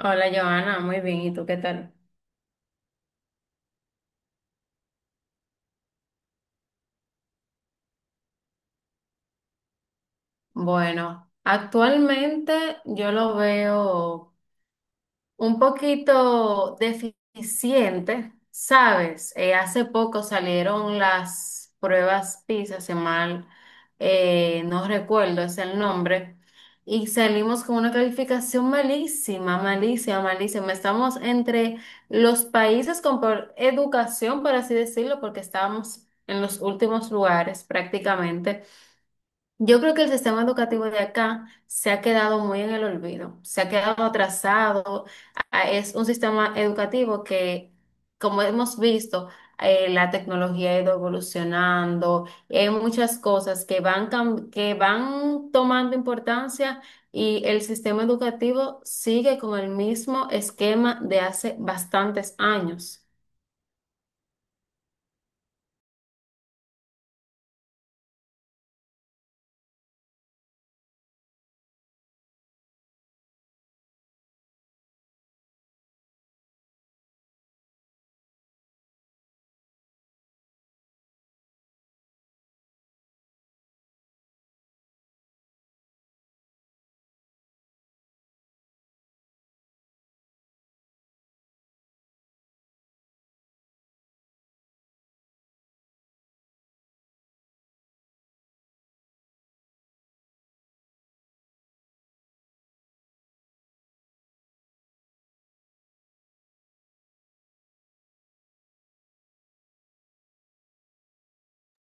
Hola Joana, muy bien. ¿Y tú qué tal? Bueno, actualmente yo lo veo un poquito deficiente, ¿sabes? Hace poco salieron las pruebas PISA, si mal no recuerdo es el nombre, y salimos con una calificación malísima, malísima, malísima. Estamos entre los países con peor educación, por así decirlo, porque estábamos en los últimos lugares prácticamente. Yo creo que el sistema educativo de acá se ha quedado muy en el olvido, se ha quedado atrasado. Es un sistema educativo que, como hemos visto, la tecnología ha ido evolucionando, hay muchas cosas que van, que van tomando importancia y el sistema educativo sigue con el mismo esquema de hace bastantes años.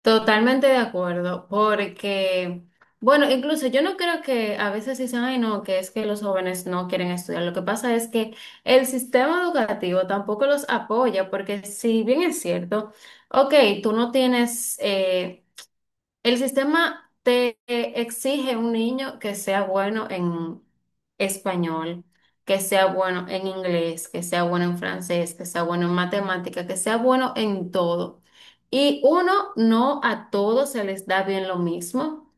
Totalmente de acuerdo, porque, bueno, incluso yo no creo que a veces dicen, ay, no, que es que los jóvenes no quieren estudiar. Lo que pasa es que el sistema educativo tampoco los apoya, porque si bien es cierto, ok, tú no tienes, el sistema te exige un niño que sea bueno en español, que sea bueno en inglés, que sea bueno en francés, que sea bueno en matemática, que sea bueno en todo. Y uno, no a todos se les da bien lo mismo.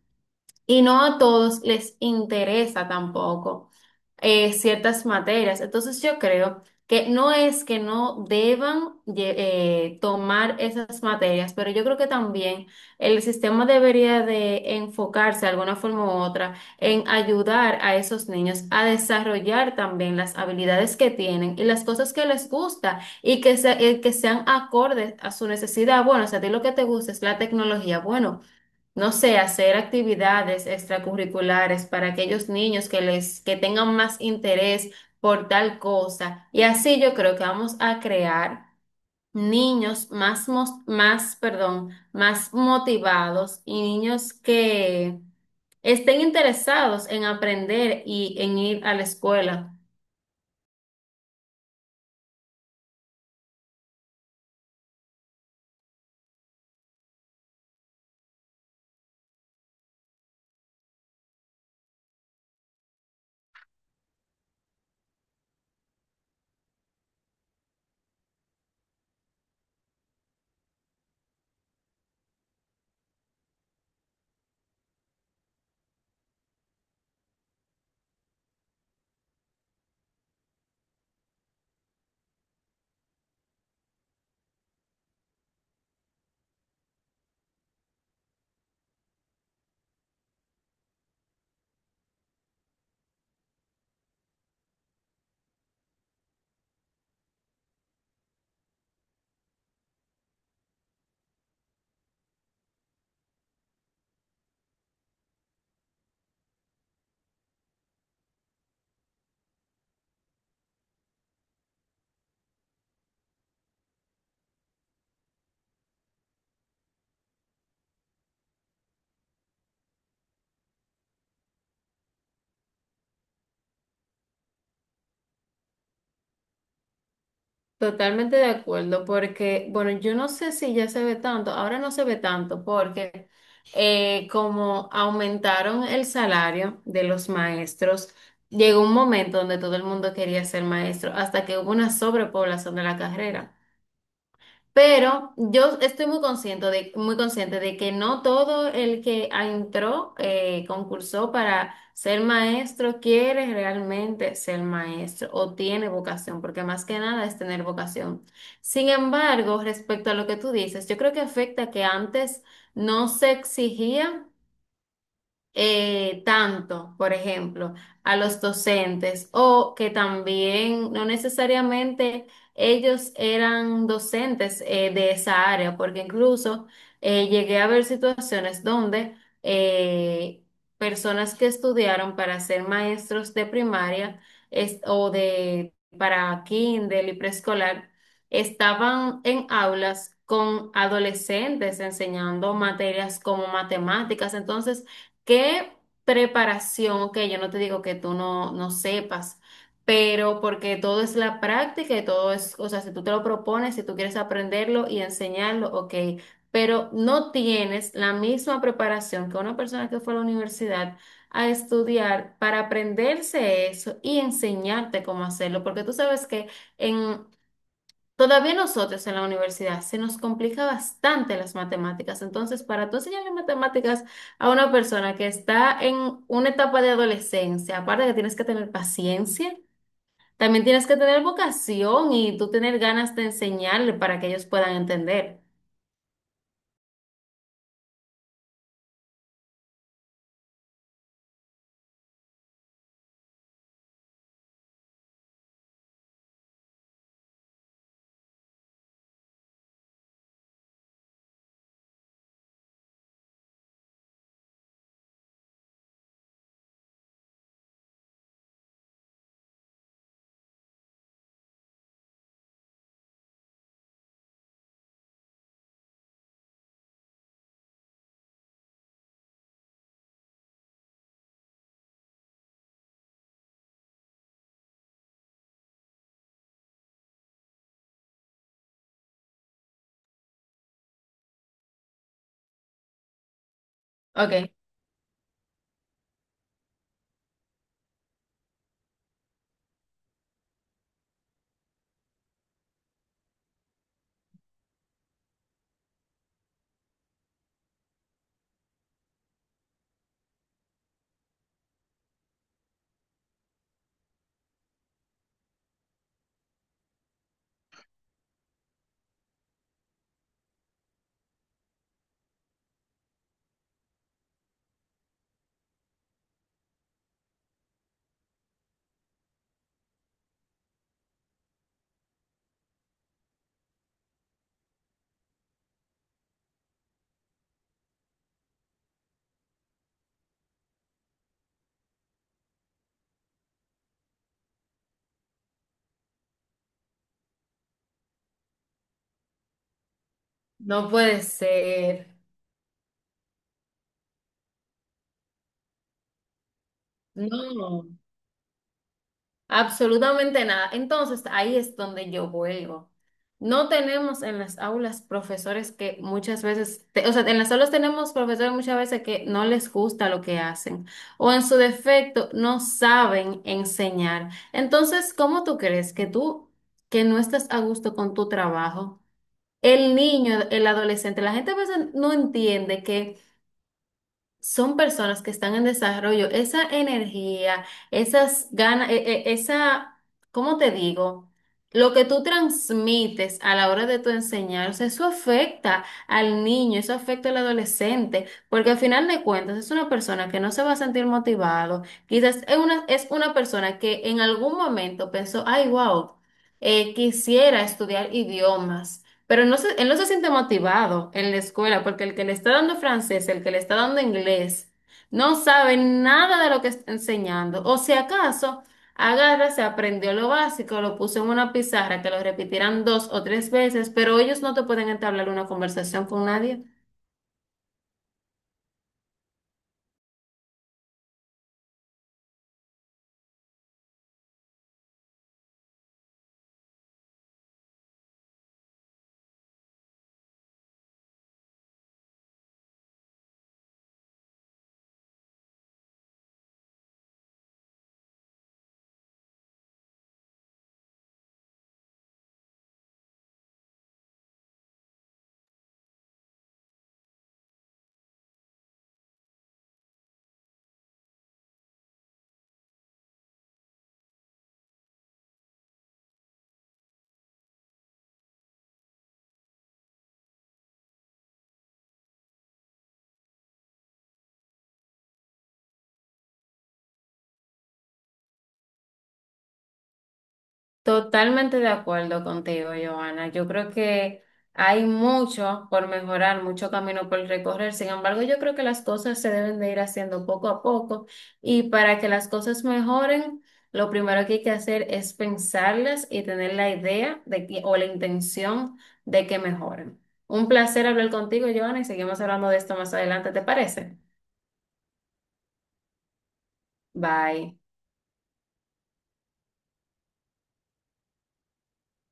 Y no a todos les interesa tampoco ciertas materias. Entonces yo creo que no es que no deban tomar esas materias, pero yo creo que también el sistema debería de enfocarse de alguna forma u otra en ayudar a esos niños a desarrollar también las habilidades que tienen y las cosas que les gusta y que, que sean acordes a su necesidad. Bueno, o sea, a ti lo que te gusta es la tecnología. Bueno no sé, hacer actividades extracurriculares para aquellos niños que les, que tengan más interés por tal cosa. Y así yo creo que vamos a crear niños más, más, perdón, más motivados y niños que estén interesados en aprender y en ir a la escuela. Totalmente de acuerdo, porque, bueno, yo no sé si ya se ve tanto, ahora no se ve tanto, porque como aumentaron el salario de los maestros, llegó un momento donde todo el mundo quería ser maestro, hasta que hubo una sobrepoblación de la carrera. Pero yo estoy muy consciente de que no todo el que entró, concursó para ser maestro, quiere realmente ser maestro o tiene vocación, porque más que nada es tener vocación. Sin embargo, respecto a lo que tú dices, yo creo que afecta que antes no se exigía tanto, por ejemplo, a los docentes o que también no necesariamente ellos eran docentes de esa área, porque incluso llegué a ver situaciones donde eh, personas que estudiaron para ser maestros de primaria o de para kinder y preescolar estaban en aulas con adolescentes enseñando materias como matemáticas, entonces ¿Qué preparación? Ok, yo no te digo que tú no, no sepas, pero porque todo es la práctica y todo es, o sea, si tú te lo propones, si tú quieres aprenderlo y enseñarlo, ok, pero no tienes la misma preparación que una persona que fue a la universidad a estudiar para aprenderse eso y enseñarte cómo hacerlo, porque tú sabes que en todavía a nosotros en la universidad se nos complica bastante las matemáticas. Entonces, para tú enseñarle matemáticas a una persona que está en una etapa de adolescencia, aparte que tienes que tener paciencia, también tienes que tener vocación y tú tener ganas de enseñarle para que ellos puedan entender. Ok, no puede ser. No. Absolutamente nada. Entonces, ahí es donde yo vuelvo. No tenemos en las aulas profesores que muchas veces, o sea, en las aulas tenemos profesores muchas veces que no les gusta lo que hacen o en su defecto no saben enseñar. Entonces, ¿cómo tú crees que tú, que no estás a gusto con tu trabajo? El niño, el adolescente, la gente a veces no entiende que son personas que están en desarrollo, esa energía, esas ganas, esa, ¿cómo te digo? Lo que tú transmites a la hora de tu enseñar, o sea, eso afecta al niño, eso afecta al adolescente, porque al final de cuentas es una persona que no se va a sentir motivado, quizás es una persona que en algún momento pensó, ay, wow, quisiera estudiar idiomas. Pero no se, él no se siente motivado en la escuela porque el que le está dando francés, el que le está dando inglés, no sabe nada de lo que está enseñando. O si acaso agarra, se aprendió lo básico, lo puso en una pizarra, que lo repetirán dos o tres veces, pero ellos no te pueden entablar una conversación con nadie. Totalmente de acuerdo contigo, Joana. Yo creo que hay mucho por mejorar, mucho camino por recorrer. Sin embargo, yo creo que las cosas se deben de ir haciendo poco a poco y para que las cosas mejoren, lo primero que hay que hacer es pensarlas y tener la idea de que, o la intención de que mejoren. Un placer hablar contigo, Joana, y seguimos hablando de esto más adelante, ¿te parece? Bye.